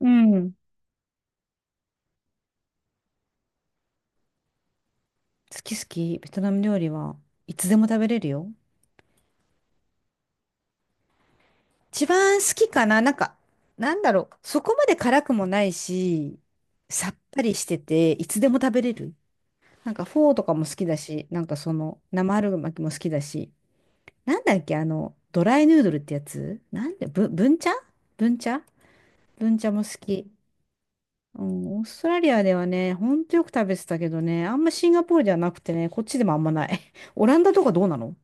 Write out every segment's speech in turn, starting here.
うん。好き好き。ベトナム料理はいつでも食べれるよ。一番好きかななんか、なんだろう。そこまで辛くもないし、さっぱりしてて、いつでも食べれる。なんかフォーとかも好きだし、なんかその生春巻きも好きだし、なんだっけ、あの、ドライヌードルってやつなんで、ブンチャブンチャも好き。うん、オーストラリアではね、ほんとよく食べてたけどね、あんまシンガポールではなくてね、こっちでもあんまない。オランダとかどうなの？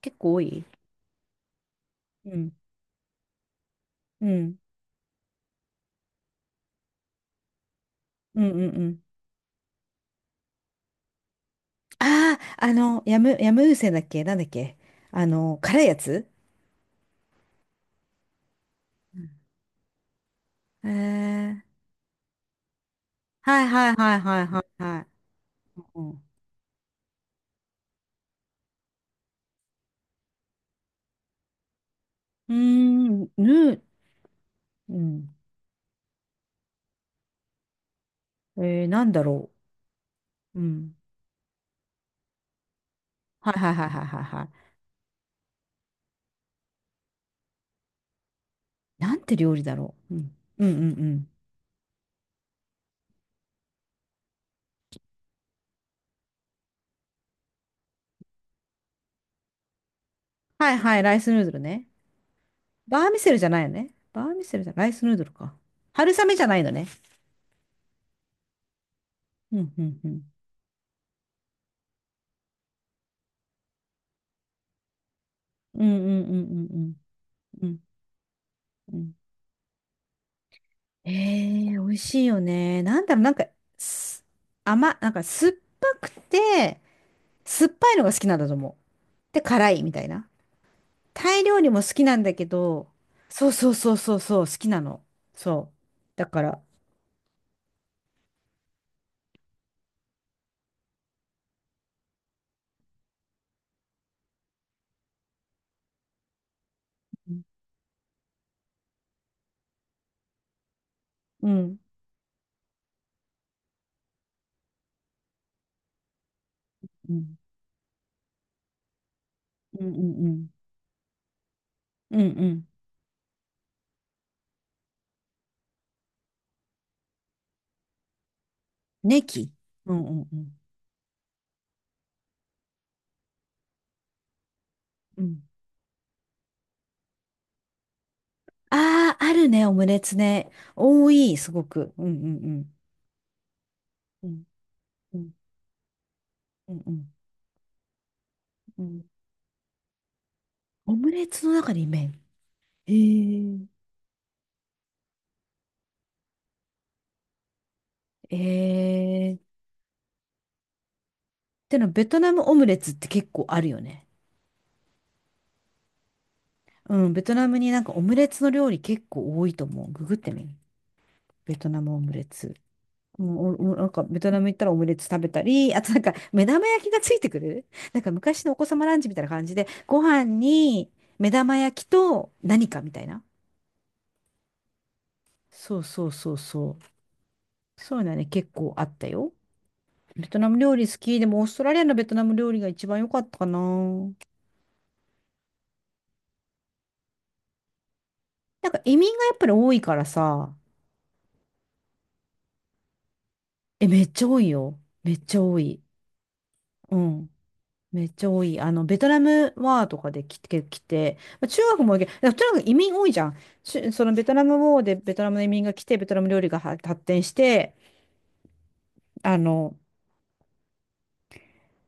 結構多い。うんうん。うんうんうん。ああ、あの、ヤムウセだっけ、なんだっけ。あの、辛いやつ。うん。えー。はいはいはいはいはいはい。うん、うーんぬ、うん。えー、なんだろう。うん。はいはいはいはいはいはい。なんて料理だろう。うん。うんうんうん。はいはい、ライスヌードルね。バーミセルじゃないよね。バーミセルじゃ、ライスヌードルか。春雨じゃないのね。うんうんうん。うんうんうんうんうん。うんうん。ええ、美味しいよね。なんだろう、なんか、すなんか酸っぱくて、酸っぱいのが好きなんだと思う。で、辛いみたいな。タイ料理も好きなんだけど、そうそうそうそうそう、好きなの。そう。だから、うん。うん。うんうんうん。うんうん。ネギ。うんうんうん。うん。ああ、あるね、オムレツね。多い、すごく。うんうんうん。うんうんうんうん。うん。オムレツの中に麺。へえ。えー、でもベトナムオムレツって結構あるよね。うん、ベトナムになんかオムレツの料理結構多いと思う。ググってみ。ベトナムオムレツ。うん、おお、なんかベトナム行ったらオムレツ食べたり、あとなんか目玉焼きがついてくる。なんか昔のお子様ランチみたいな感じで、ご飯に目玉焼きと何かみたいな。そうそうそうそう。そういうのはね、結構あったよ。ベトナム料理好き。でもオーストラリアのベトナム料理が一番良かったかな。なんか移民がやっぱり多いからさ、え、めっちゃ多いよ。めっちゃ多い。うん。めっちゃ多い。あの、ベトナムワーとかで来て、まあ中学も多いけど、でとにかく移民多いじゃん。しそのベトナムウォーでベトナムの移民が来て、ベトナム料理がは発展して、あの、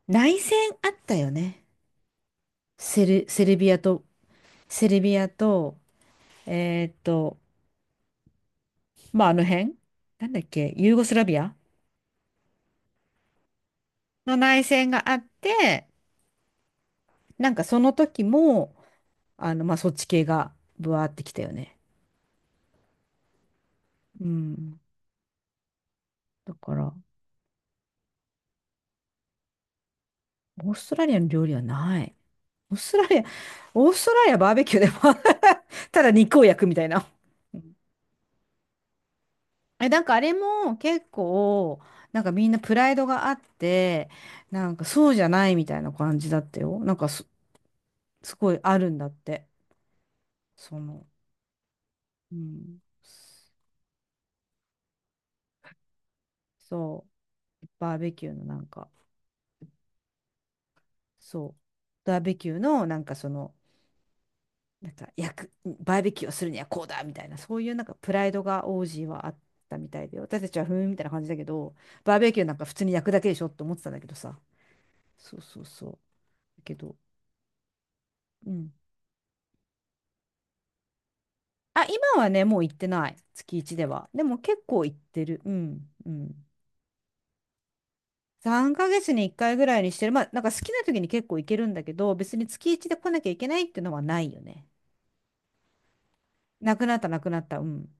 内戦あったよね。セルビアと、セルビアと、えーっと、まあ、あの辺なんだっけ、ユーゴスラビアの内戦があって、なんかその時も、あの、まあ、そっち系がブワーってきたよね。うん。だから、オーストラリアの料理はない。オーストラリア、オーストラリアバーベキューでも ただ肉を焼くみたいな。うん。え、なんかあれも結構、なんかみんなプライドがあって、なんかそうじゃないみたいな感じだったよ。すごいあるんだって。その、うん。そう。バーベキューのなんか、そう。バーベキューのなんかその、なんか焼く、バーベキューをするにはこうだみたいな、そういうなんかプライドが王子はあったみたいで、私たちはふーんみたいな感じだけど、バーベキューなんか普通に焼くだけでしょって思ってたんだけどさ。そうそうそう。だけど、うん。あ、今はね、もう行ってない。月一では。でも結構行ってる。うん、うん。3ヶ月に1回ぐらいにしてる。まあ、なんか好きな時に結構行けるんだけど、別に月一で来なきゃいけないっていうのはないよね。なくなった、なくなった。うん。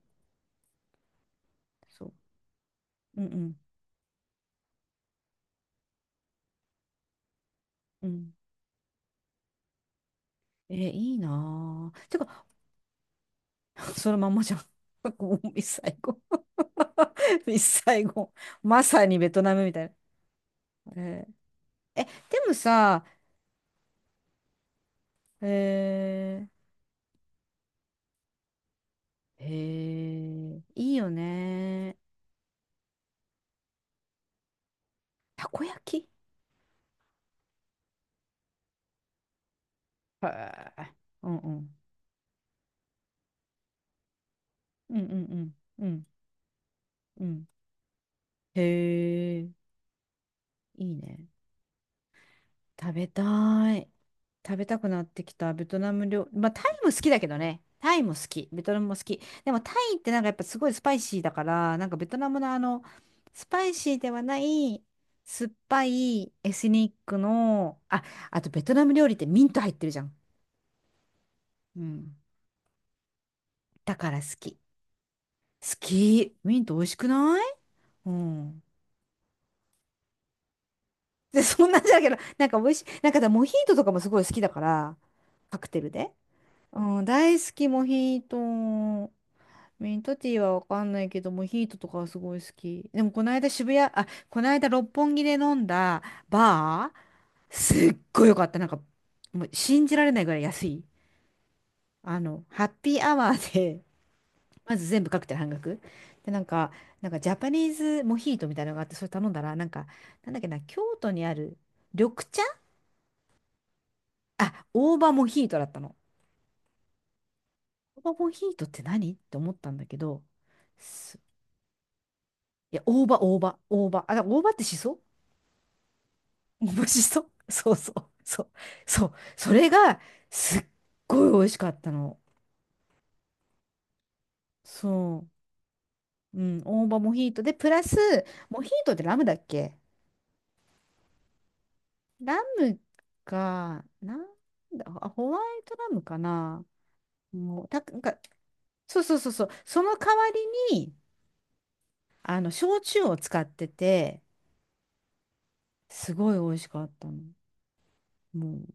そう。うんうん。うん。え、いいなぁ。てかそのまんまじゃん。ミスサイゴン。 ミスサイゴンまさにベトナムみたいな。えー。え、でもさ、えー、えー、いいよね。たこ焼き。へー。うんうん。うんうんうん。うんうん。へえ、いいね。食べたい。食べたくなってきたベトナム料理。まあ、タイも好きだけどね。タイも好き。ベトナムも好き。でもタイってなんかやっぱすごいスパイシーだから、なんかベトナムのあの、スパイシーではない、酸っぱいエスニックの、あ、あとベトナム料理ってミント入ってるじゃん。うん。だから好き。好き。ミント美味しくない？うん。で、そんなんじゃないけど、なんか美味しい。なんかだモヒートとかもすごい好きだから、カクテルで。うん、大好き、モヒート。ミントティーはわかんないけど、モヒートとかはすごい好き。でも、この間渋谷、あ、この間六本木で飲んだバー、すっごい良かった。なんか、もう信じられないぐらい安い。あの、ハッピーアワーで まず全部カクテル半額。で、なんか、なんかジャパニーズモヒートみたいなのがあって、それ頼んだら、なんか、なんだっけな、京都にある緑茶、あ、大葉モヒートだったの。大葉モヒートって何って思ったんだけど、す、いや、大葉。あ、だから大葉ってしそ。面白そう。そうそう。そう。そう。それが、すっごい美味しかったの。そう。うん。大葉モヒートで、プラス、モヒートってラムだっけ？ラムか、なんだ、あ、ホワイトラムかな。もう、た、なんか、そうそうそうそう。その代わりに、あの、焼酎を使ってて、すごい美味しかったの。もう、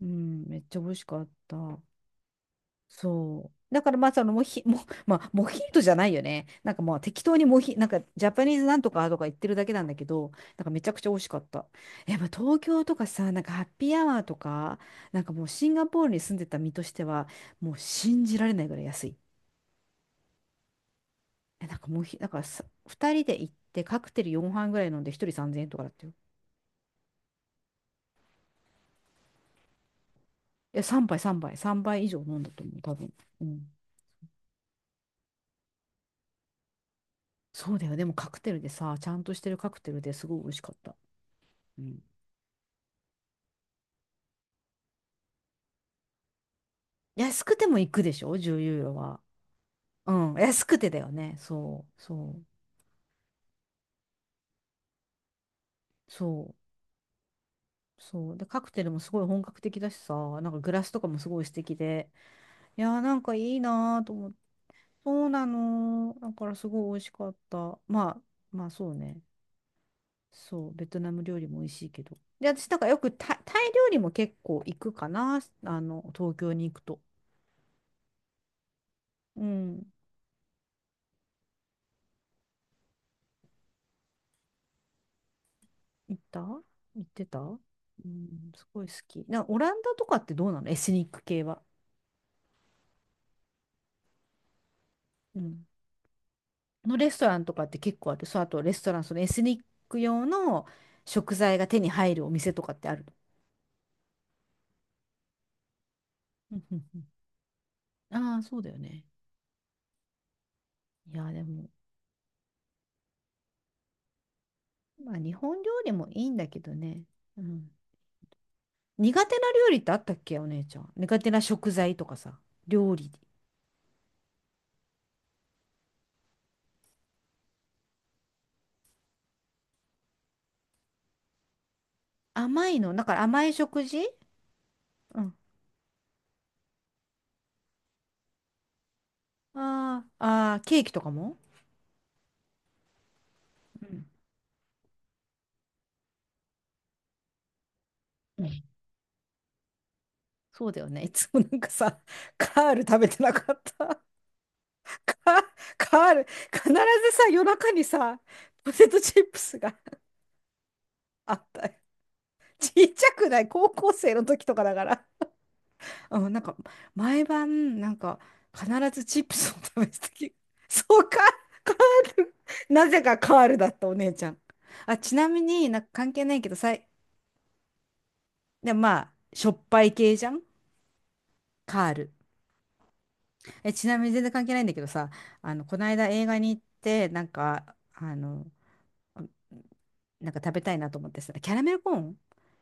うん、めっちゃ美味しかった。そう。だからまあそのモヒ、もまあ、モヒートじゃないよね。なんかまあ適当にモヒ、なんかジャパニーズなんとかとか言ってるだけなんだけど、なんかめちゃくちゃ美味しかった。やっぱ東京とかさ、なんかハッピーアワーとか、なんかもうシンガポールに住んでた身としては、もう信じられないぐらい安い。え、なんかモヒ、なんかさ、2人で行ってカクテル4杯ぐらい飲んで1人3000円とかだったよ。え、3倍以上飲んだと思う、多分。うん。そうだよ。でもカクテルでさ、ちゃんとしてるカクテルですごい美味しかった。うん。安くても行くでしょ？ 10 ユーロは。うん。安くてだよね。そう、そそう。で、カクテルもすごい本格的だしさ、なんかグラスとかもすごい素敵で。いやー、なんかいいなーと思って。そうなの。だからすごい美味しかった。まあ、まあそうね。そう、ベトナム料理も美味しいけど。で、私なんかよくタイ、タイ料理も結構行くかな。あの、東京に行くと。うん。行った、行ってた。うん、すごい好き。な、オランダとかってどうなの？エスニック系は。うん、のレストランとかって結構ある？そう、あとレストラン、そのエスニック用の食材が手に入るお店とかってある？うんうんうん。ああー、そうだよね。いや、でも、まあ日本料理もいいんだけどね。うん。苦手な料理ってあったっけ、お姉ちゃん？苦手な食材とかさ、料理。甘いの、だから甘い食事？うん。ああ、ああ、ケーキとかも？うん。うん。そうだよね。いつもなんかさ、カール食べてなかった？か、カール、必ずさ、夜中にさ、ポテトチップスがあったよ。ちっちゃくない、高校生の時とかだから。うん、なんか、毎晩、なんか、必ずチップスを食べてた気が。そうか、カール。なぜかカールだった、お姉ちゃん。あ、ちなみになんか関係ないけどさ、でもまあ、しょっぱい系じゃん、カール。え、ちなみに全然関係ないんだけどさ、あの、この間映画に行って、なんか、あの、なんか食べたいなと思ってさ、キャラメルコーン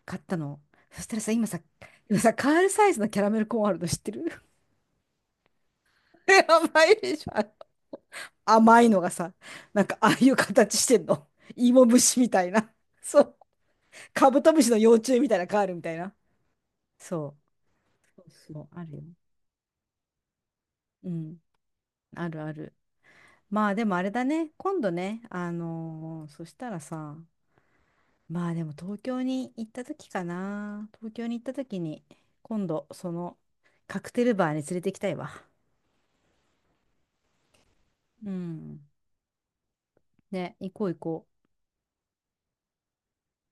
買ったの。そしたらさ、今さ、今さ、カールサイズのキャラメルコーンあるの知ってる？甘 いでしょ。あの甘いのがさ、なんかああいう形してんの。芋虫みたいな。そう。カブトムシの幼虫みたいな、カールみたいな。そう。そうそう、あるよ。うん。あるある。まあでもあれだね。今度ね、あのー、そしたらさ、まあでも東京に行った時かな。東京に行った時に、今度そのカクテルバーに連れて行きたいわ。うん。ね、行こう行こう。